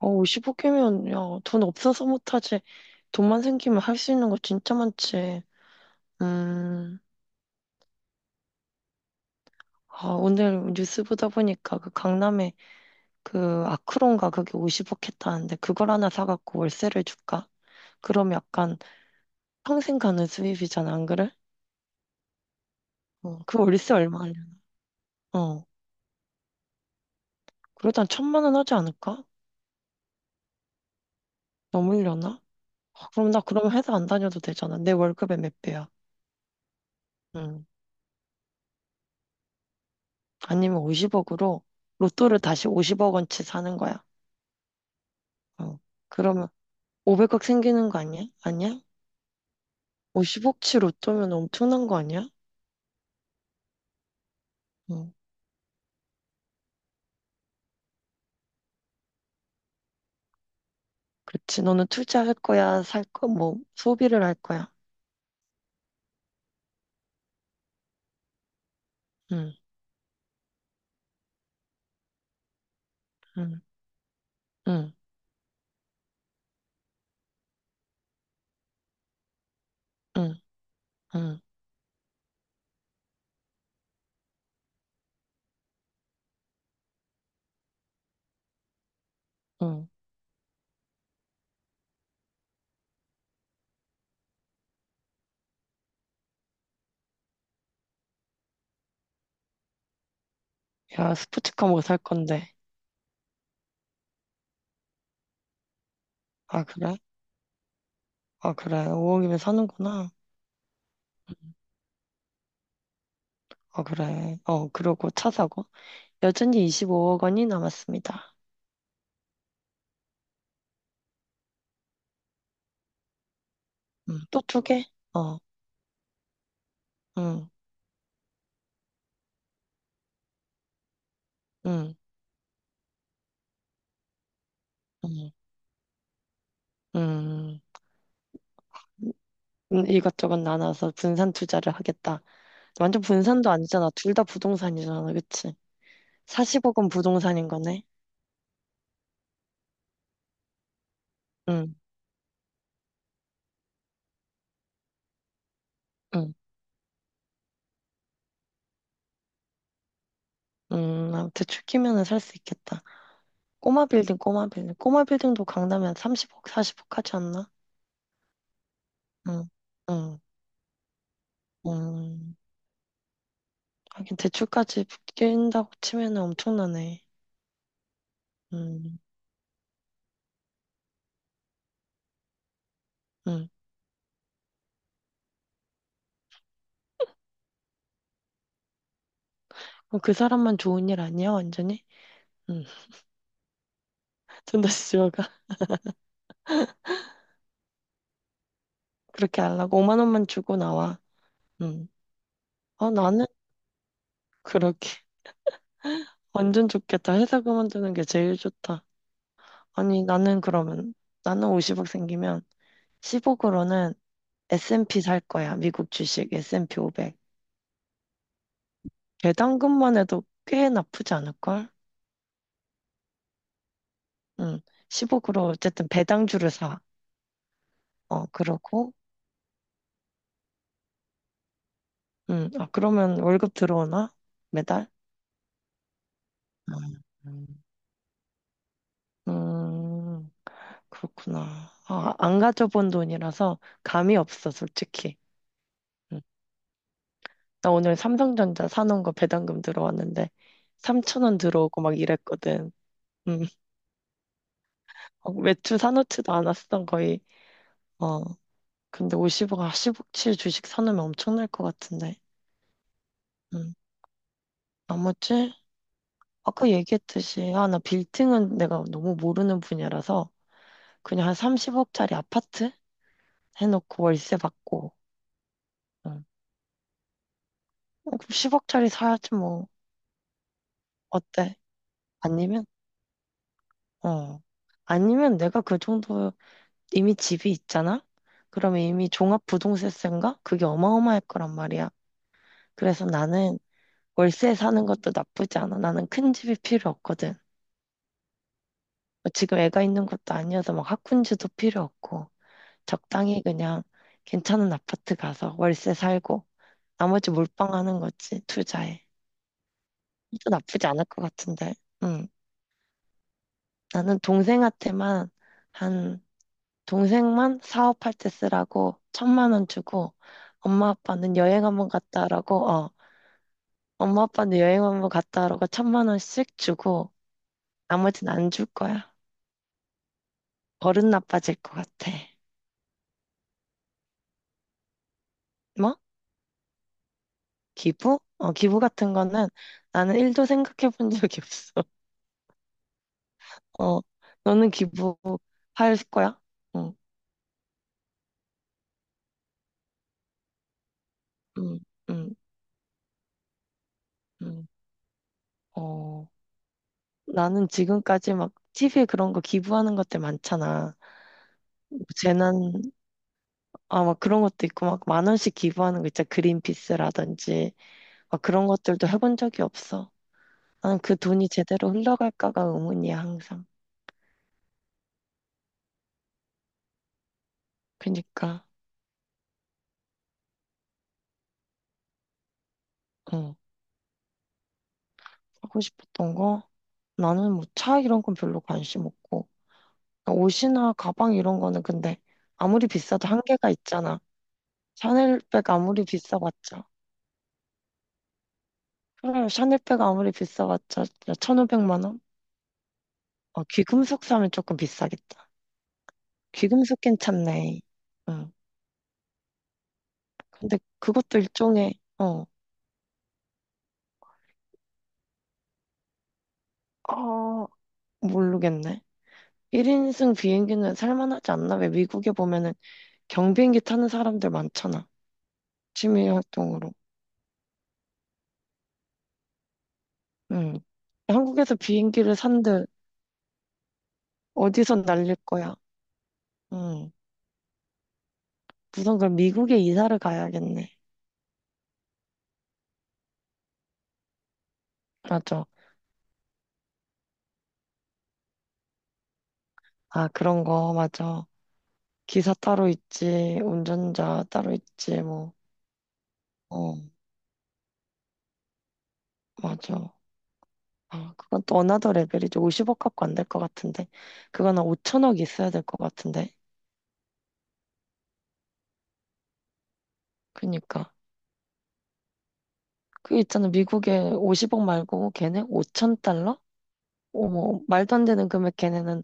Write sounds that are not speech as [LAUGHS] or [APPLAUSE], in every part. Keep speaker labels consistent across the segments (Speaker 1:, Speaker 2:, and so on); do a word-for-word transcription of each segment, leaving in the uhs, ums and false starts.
Speaker 1: 어, 영 억 개면 야, 돈 없어서 못하지. 돈만 생기면 할 수 있는 거 진짜 많지. 음, 아, 오늘 뉴스 보다 보니까 그 강남에 그 아크론가 그게 오십 억 했다는데 그걸 하나 사갖고 월세를 줄까? 그럼 약간 평생 가는 수입이잖아, 안 그래? 어, 그 월세 얼마냐? 어, 그러다 한 천만 원 하지 않을까? 넘으려나? 아, 그럼 나 그럼 회사 안 다녀도 되잖아. 내 월급의 몇 배야? 음, 아니면 오십 억으로 로또를 다시 오십 억 원치 사는 거야. 어, 그러면 오백 억 생기는 거 아니야? 아니야? 오십 억 치 로또면 엄청난 거 아니야? 응, 그렇지. 너는 투자할 거야, 살 거, 뭐, 소비를 할 거야. 응, 응, 응, 응, 응, 응. 야, 스포츠카 뭐 살 건데. 아, 그래? 아, 그래. 오 억이면 사는구나. 응. 아, 그래. 어, 그러고 차 사고. 여전히 이십오 억 원이 남았습니다. 음, 또두 개? 어, 응, 응, 응, 응. 음, 이것저것 나눠서 분산 투자를 하겠다. 완전 분산도 아니잖아. 둘 다 부동산이잖아. 그치? 사십 억은 부동산인 거네. 응, 응. 음, 아, 대출 끼면은 살 수 있겠다. 꼬마 빌딩, 꼬마 빌딩. 꼬마 빌딩도 강남에 한 삼십 억, 사십 억 하지 않나? 응, 응, 응. 하긴 대출까지 낀다고 치면은 엄청나네. 응, 응. 어, 그 사람만 좋은 일 아니야, 완전히? 응. [LAUGHS] 돈 다시 들어가. [LAUGHS] 그렇게 하려고. 오만 원만 주고 나와. 응. 어, 나는 그렇게. [LAUGHS] 완전 좋겠다. 회사 그만두는 게 제일 좋다. 아니, 나는 그러면, 나는 오십 억 생기면 십 억으로는 에스 앤 피 살 거야. 미국 주식 에스 앤 피 오백. 배당금만 해도 꽤 나쁘지 않을걸? 응. 십 억으로 어쨌든 배당주를 사. 어, 그러고, 응. 아, 그러면 월급 들어오나? 매달? 음, 음. 음, 그렇구나. 아, 안 가져본 돈이라서 감이 없어, 솔직히. 음. 나 오늘 삼성전자 사놓은 거 배당금 들어왔는데, 삼천 원 들어오고 막 이랬거든. 음. 어, 외투 사놓지도 않았어, 거의. 어, 근데 오십 억, 십 억 치 주식 사놓으면 엄청날 것 같은데. 음. 나머지, 아까 얘기했듯이, 아, 나 빌딩은 내가 너무 모르는 분야라서, 그냥 한 삼십 억짜리 아파트 해놓고 월세 받고, 음. 어, 그럼 십 억짜리 사야지 뭐, 어때? 아니면, 어. 아니면 내가 그 정도 이미 집이 있잖아? 그러면 이미 종합부동세세인가? 그게 어마어마할 거란 말이야. 그래서 나는 월세 사는 것도 나쁘지 않아. 나는 큰 집이 필요 없거든. 뭐 지금 애가 있는 것도 아니어서 막 학군지도 필요 없고 적당히 그냥 괜찮은 아파트 가서 월세 살고 나머지 몰빵하는 거지 투자에. 또 나쁘지 않을 것 같은데. 응. 나는 동생한테만 한 동생만 사업할 때 쓰라고 천만 원 주고 엄마 아빠는 여행 한번 갔다 오라고 어 엄마 아빠는 여행 한번 갔다 오라고 천만 원씩 주고 나머지는 안 줄 거야. 버릇 나빠질 것 같아. 뭐? 기부? 어, 기부 같은 거는 나는 일도 생각해 본 적이 없어. 어, 너는 기부할 거야? 응, 응, 응, 응. 어, 나는 지금까지 막 티비에 그런 거 기부하는 것들 많잖아. 뭐 재난, 아, 막 그런 것도 있고, 막 만 원씩 기부하는 거 있잖아. 그린피스라든지. 막 그런 것들도 해본 적이 없어. 나는 그 돈이 제대로 흘러갈까가 의문이야, 항상. 그니까, 러 응. 하고 싶었던 거. 나는 뭐 차 이런 건 별로 관심 없고 그러니까 옷이나 가방 이런 거는 근데 아무리 비싸도 한계가 있잖아. 샤넬백 아무리 비싸봤자 그래 샤넬백 아무리 비싸봤자 천오백 만 원? 어, 귀금속 사면 조금 비싸겠다. 귀금속 괜찮네. 응. 근데 그것도 일종의 어, 아 모르겠네. 일 인승 비행기는 살만하지 않나? 왜 미국에 보면은 경비행기 타는 사람들 많잖아. 취미 활동으로. 응. 한국에서 비행기를 산들 어디서 날릴 거야? 음. 우선 그럼 미국에 이사를 가야겠네. 맞아. 아, 그런 거, 맞아. 기사 따로 있지, 운전자 따로 있지, 뭐. 어, 맞아. 아, 그건 또 어나더 레벨이지. 오십 억 갖고 안 될 것 같은데. 그건 한 오천 억 있어야 될 것 같은데. 그니까. 그 있잖아. 미국에 오십 억 말고 걔네 오천 달러? 어머, 말도 안 되는 금액 걔네는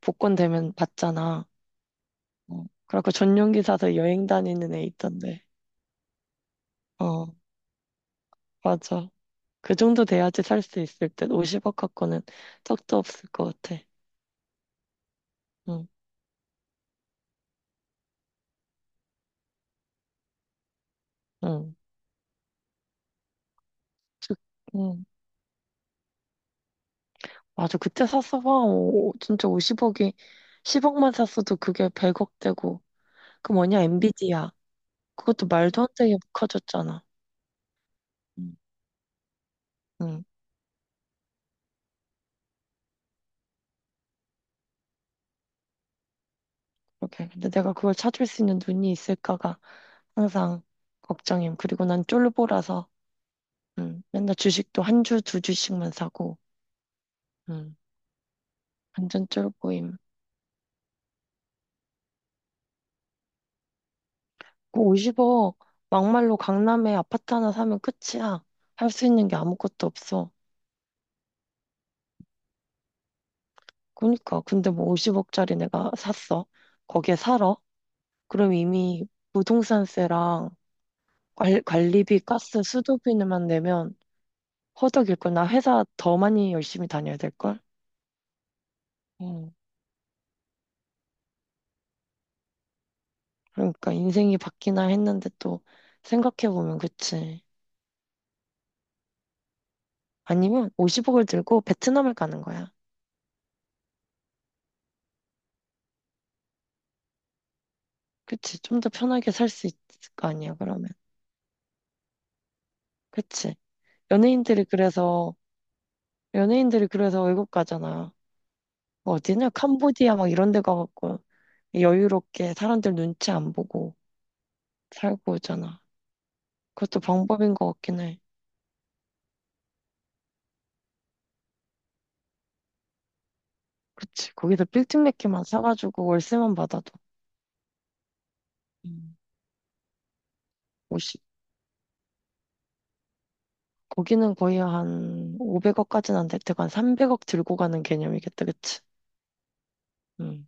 Speaker 1: 복권 되면 받잖아. 어, 그래갖고 전용기 사서 여행 다니는 애 있던데. 어, 맞아. 그 정도 돼야지 살 수 있을 듯. 오십 억 갖고는 턱도 없을 것 같아. 응, 응. 즉, 응. 맞아. 그때 샀어 봐. 오, 진짜 오십 억이 십 억만 샀어도 그게 백 억 되고. 그 뭐냐, 엔비디아. 그것도 말도 안 되게 커졌잖아. 응, 응. 그렇게. 근데 내가 그걸 찾을 수 있는 눈이 있을까가 항상 걱정임. 그리고 난 쫄보라서, 응. 맨날 주식도 한 주, 두 주씩만 사고, 응. 완전 쫄보임. 그 오십 억 막말로 강남에 아파트 하나 사면 끝이야. 할 수 있는 게 아무것도 없어. 그러니까 근데 뭐 오십 억짜리 내가 샀어. 거기에 살아. 그럼 이미 부동산세랑 관- 관리비, 가스, 수도비만 내면 허덕일 걸. 나 회사 더 많이 열심히 다녀야 될 걸. 음. 그러니까 인생이 바뀌나 했는데 또 생각해 보면 그치. 아니면 오십 억을 들고 베트남을 가는 거야. 그치. 좀 더 편하게 살 수 있을 거 아니야, 그러면. 그치. 연예인들이 그래서 연예인들이 그래서 외국 가잖아. 뭐 어디냐? 캄보디아 막 이런 데 가갖고 여유롭게 사람들 눈치 안 보고 살고 오잖아. 그것도 방법인 것 같긴 해. 그치. 거기서 빌딩 몇 개만 사가지고 월세만 받아도 음, 오십, 거기는 거의 한 오백 억까지는 안 될 테고 한 삼백 억 들고 가는 개념이겠다. 그치? 음,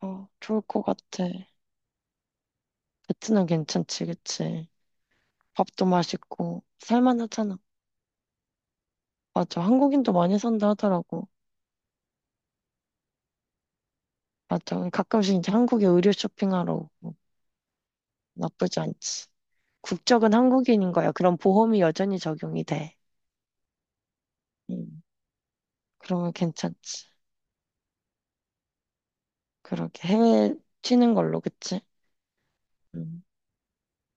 Speaker 1: 어, 좋을 것 같아. 베트남 괜찮지, 그치? 밥도 맛있고 살만하잖아. 맞아. 한국인도 많이 산다 하더라고. 맞아. 가끔씩 이제 한국에 의류 쇼핑하러 오고 나쁘지 않지. 국적은 한국인인 거야. 그럼 보험이 여전히 적용이 돼. 음, 그러면 괜찮지. 그렇게 해외 튀는 걸로, 그치? 음.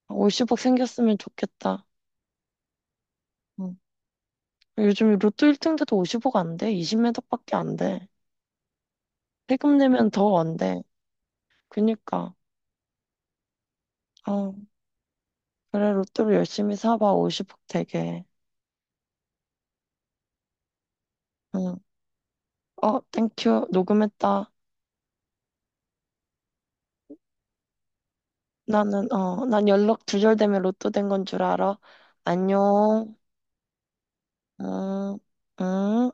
Speaker 1: 오십 억 생겼으면 좋겠다. 음. 요즘 로또 일 등 돼도 오십 억 안 돼. 이십 매덕밖에 안 돼. 세금 내면 더 안 돼. 그니까. 어, 그래, 로또를 열심히 사봐. 오십 억 되게. 응. 어, 땡큐. 녹음했다. 나는, 어, 난 연락 두절되면 로또 된 건 줄 알아. 안녕. 음, 음.